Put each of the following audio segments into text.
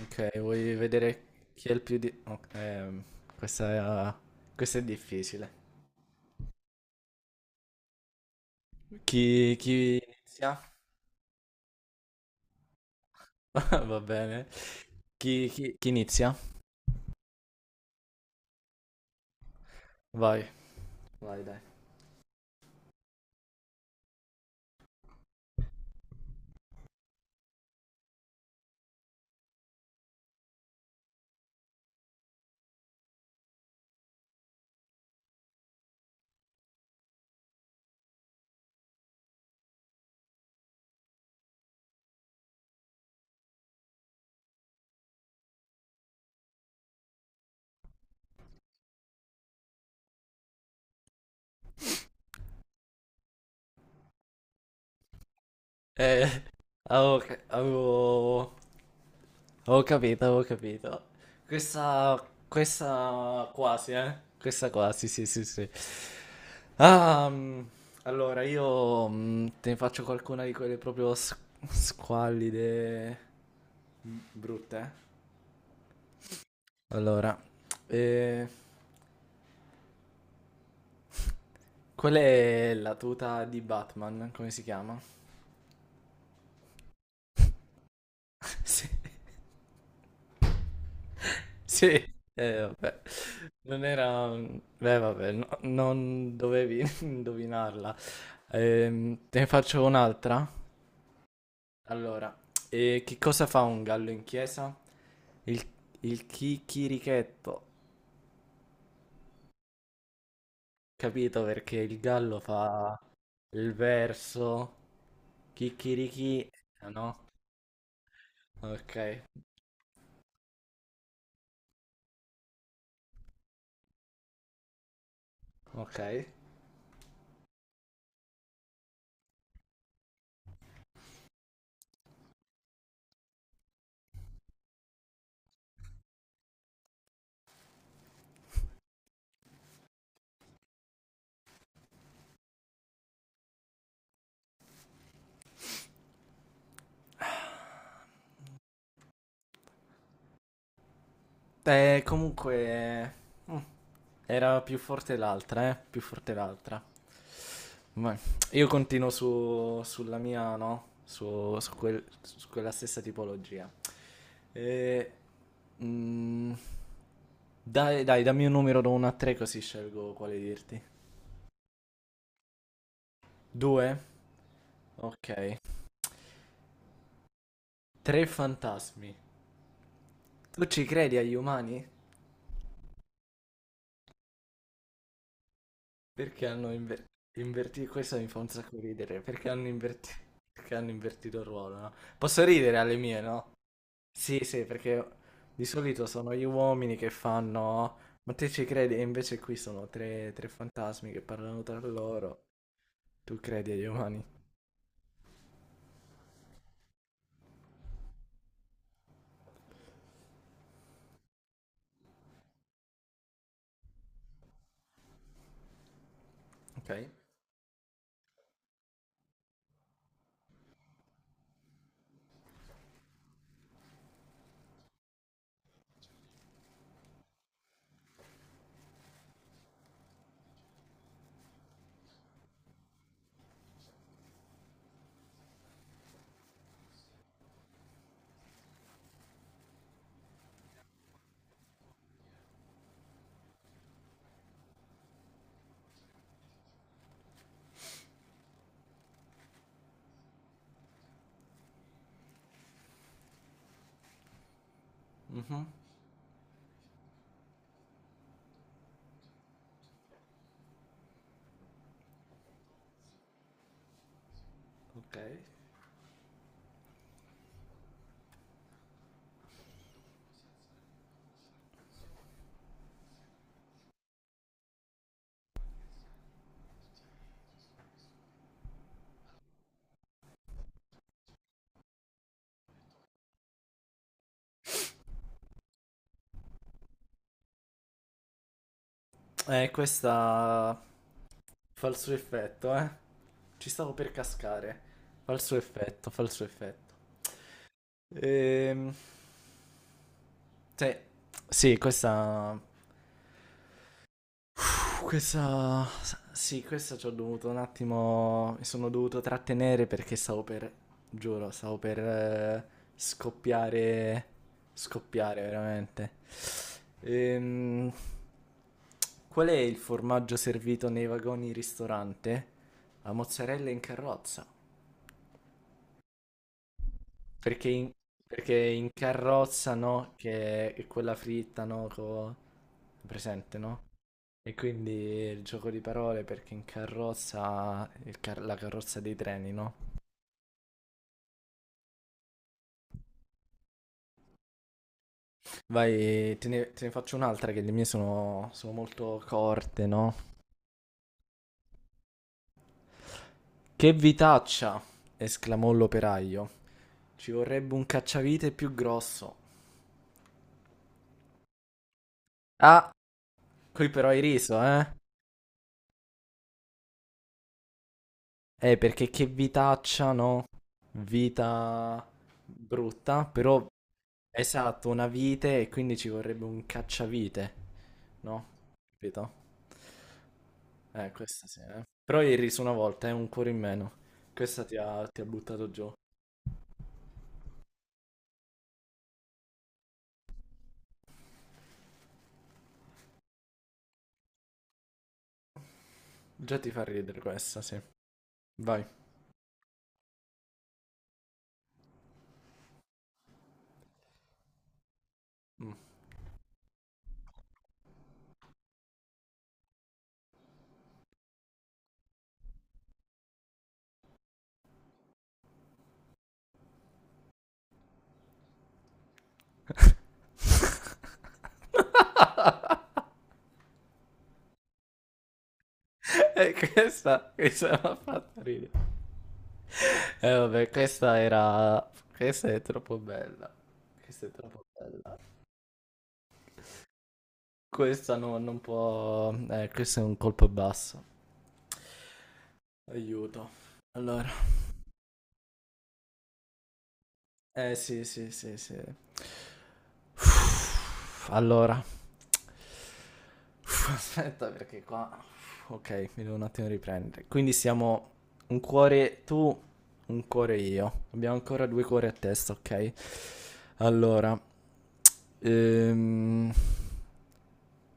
Ok, vuoi vedere chi è il più di... ok, questa è, questa è difficile. Chi inizia? Va bene. Chi inizia? Vai. Vai, dai. Eh, ok, avevo capito, avevo capito. Questa, questa quasi, eh? Questa quasi, sì, sì, sì. Ah, allora, io te ne faccio qualcuna di quelle proprio squallide, brutte, eh. Allora, eh, qual è la tuta di Batman? Come si chiama? Sì, sì, vabbè, non era... Beh, vabbè, non dovevi indovinarla. Te ne faccio un'altra? Allora, che cosa fa un gallo in chiesa? Il, il chicchirichetto, capito? Perché il gallo fa il verso, chicchirichì, no? Ok, ok. Comunque, mm, era più forte l'altra, eh? Più forte l'altra. Ma io continuo su, sulla mia, no? Su, su quella stessa tipologia. E, mm, dai, dai, dammi un numero da 1 a 3 così scelgo quale dirti. 2? Ok. Tre fantasmi. Tu ci credi agli umani? Perché hanno invertito... Questo mi fa un sacco ridere. Perché hanno invertito il ruolo, no? Posso ridere alle mie, no? Sì, sì, perché di solito sono gli uomini che fanno, ma te ci credi? E invece qui sono tre fantasmi che parlano tra loro. Tu credi agli umani? Ok. Mhm, ok. Questa fa il suo effetto, eh. Ci stavo per cascare. Fa il suo effetto, fa il suo effetto. Ehm... Sì, sì, questa Puh, questa. Sì, questa ci ho dovuto un attimo. Mi sono dovuto trattenere perché stavo per. Giuro, stavo per scoppiare. Scoppiare veramente. Ehm, qual è il formaggio servito nei vagoni ristorante? La mozzarella in carrozza. Perché in, perché in carrozza, no? Che è quella fritta, no? Presente, no? E quindi il gioco di parole perché in carrozza, la carrozza dei treni, no? Vai, te ne faccio un'altra che le mie sono, sono molto corte, no? Che vitaccia! Esclamò l'operaio. Ci vorrebbe un cacciavite più grosso. Ah, qui però hai riso, eh? Perché che vitaccia, no? Vita brutta, però esatto, una vite e quindi ci vorrebbe un cacciavite, no? Capito? Questa sì, eh. Però ieri su una volta è un cuore in meno. Questa ti ha buttato giù. Già ti fa ridere questa, sì. Vai. Mm. Questa mi ha fatto ridere. Vabbè, questa era... Questa è troppo bella. Questa è troppo bella. Questa no, non può... questo è un colpo basso. Aiuto. Allora. Eh sì, sì, sì, sì. Uff, allora, Uff, aspetta perché qua... Ok, mi devo un attimo riprendere. Quindi siamo un cuore tu, un cuore io. Abbiamo ancora due cuori a testa, ok? Allora, ehm,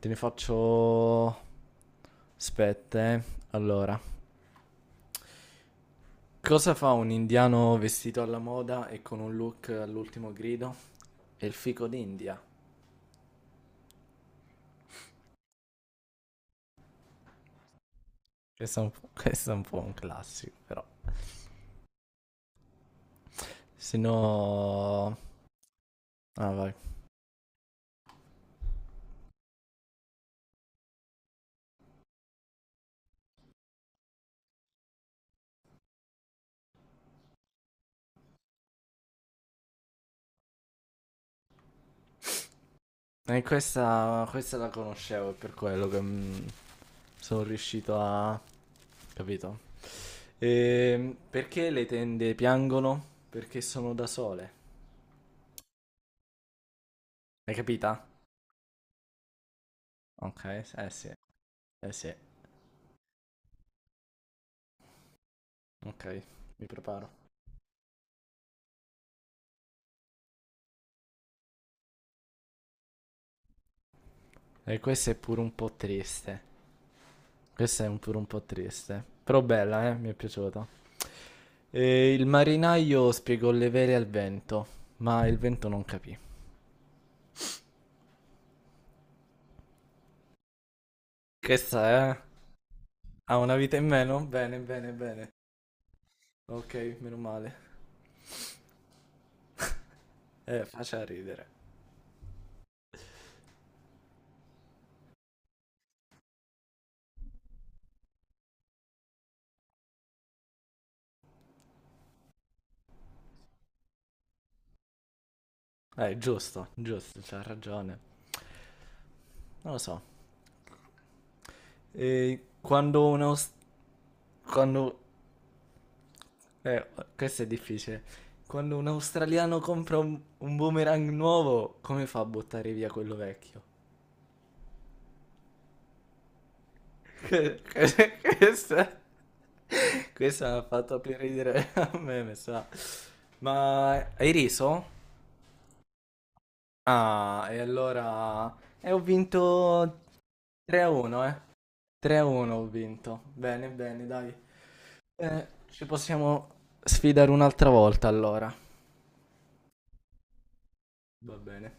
te ne faccio... Aspetta, eh. Allora. Cosa fa un indiano vestito alla moda e con un look all'ultimo grido? È il fico d'India. Questo è un po', questo è un po' un classico, però. Se no... Ah, vai. E questa la conoscevo, è per quello che sono riuscito a... Capito? Perché le tende piangono? Perché sono da sole. Hai capita? Ok, eh sì, eh sì, ok, mi preparo. E questa è pure un po' triste. Questa è un pure un po' triste, però bella, eh? Mi è piaciuta. E il marinaio spiegò le vele al vento, ma il vento non capì. Questa è... Ha una vita in meno? Bene, bene, bene. Ok, meno male. Faccia ridere. Giusto, giusto, c'ha ragione. Non lo so. E quando un... quando... Eh, questo è difficile. Quando un australiano compra un boomerang nuovo, come fa a buttare via quello vecchio? Questa, questa mi ha fatto più ridere a me, mi sa. Ma hai riso? Ah, e allora... E ho vinto 3-1, eh. 3-1 ho vinto. Bene, bene, dai. Ci possiamo sfidare un'altra volta allora. Va bene.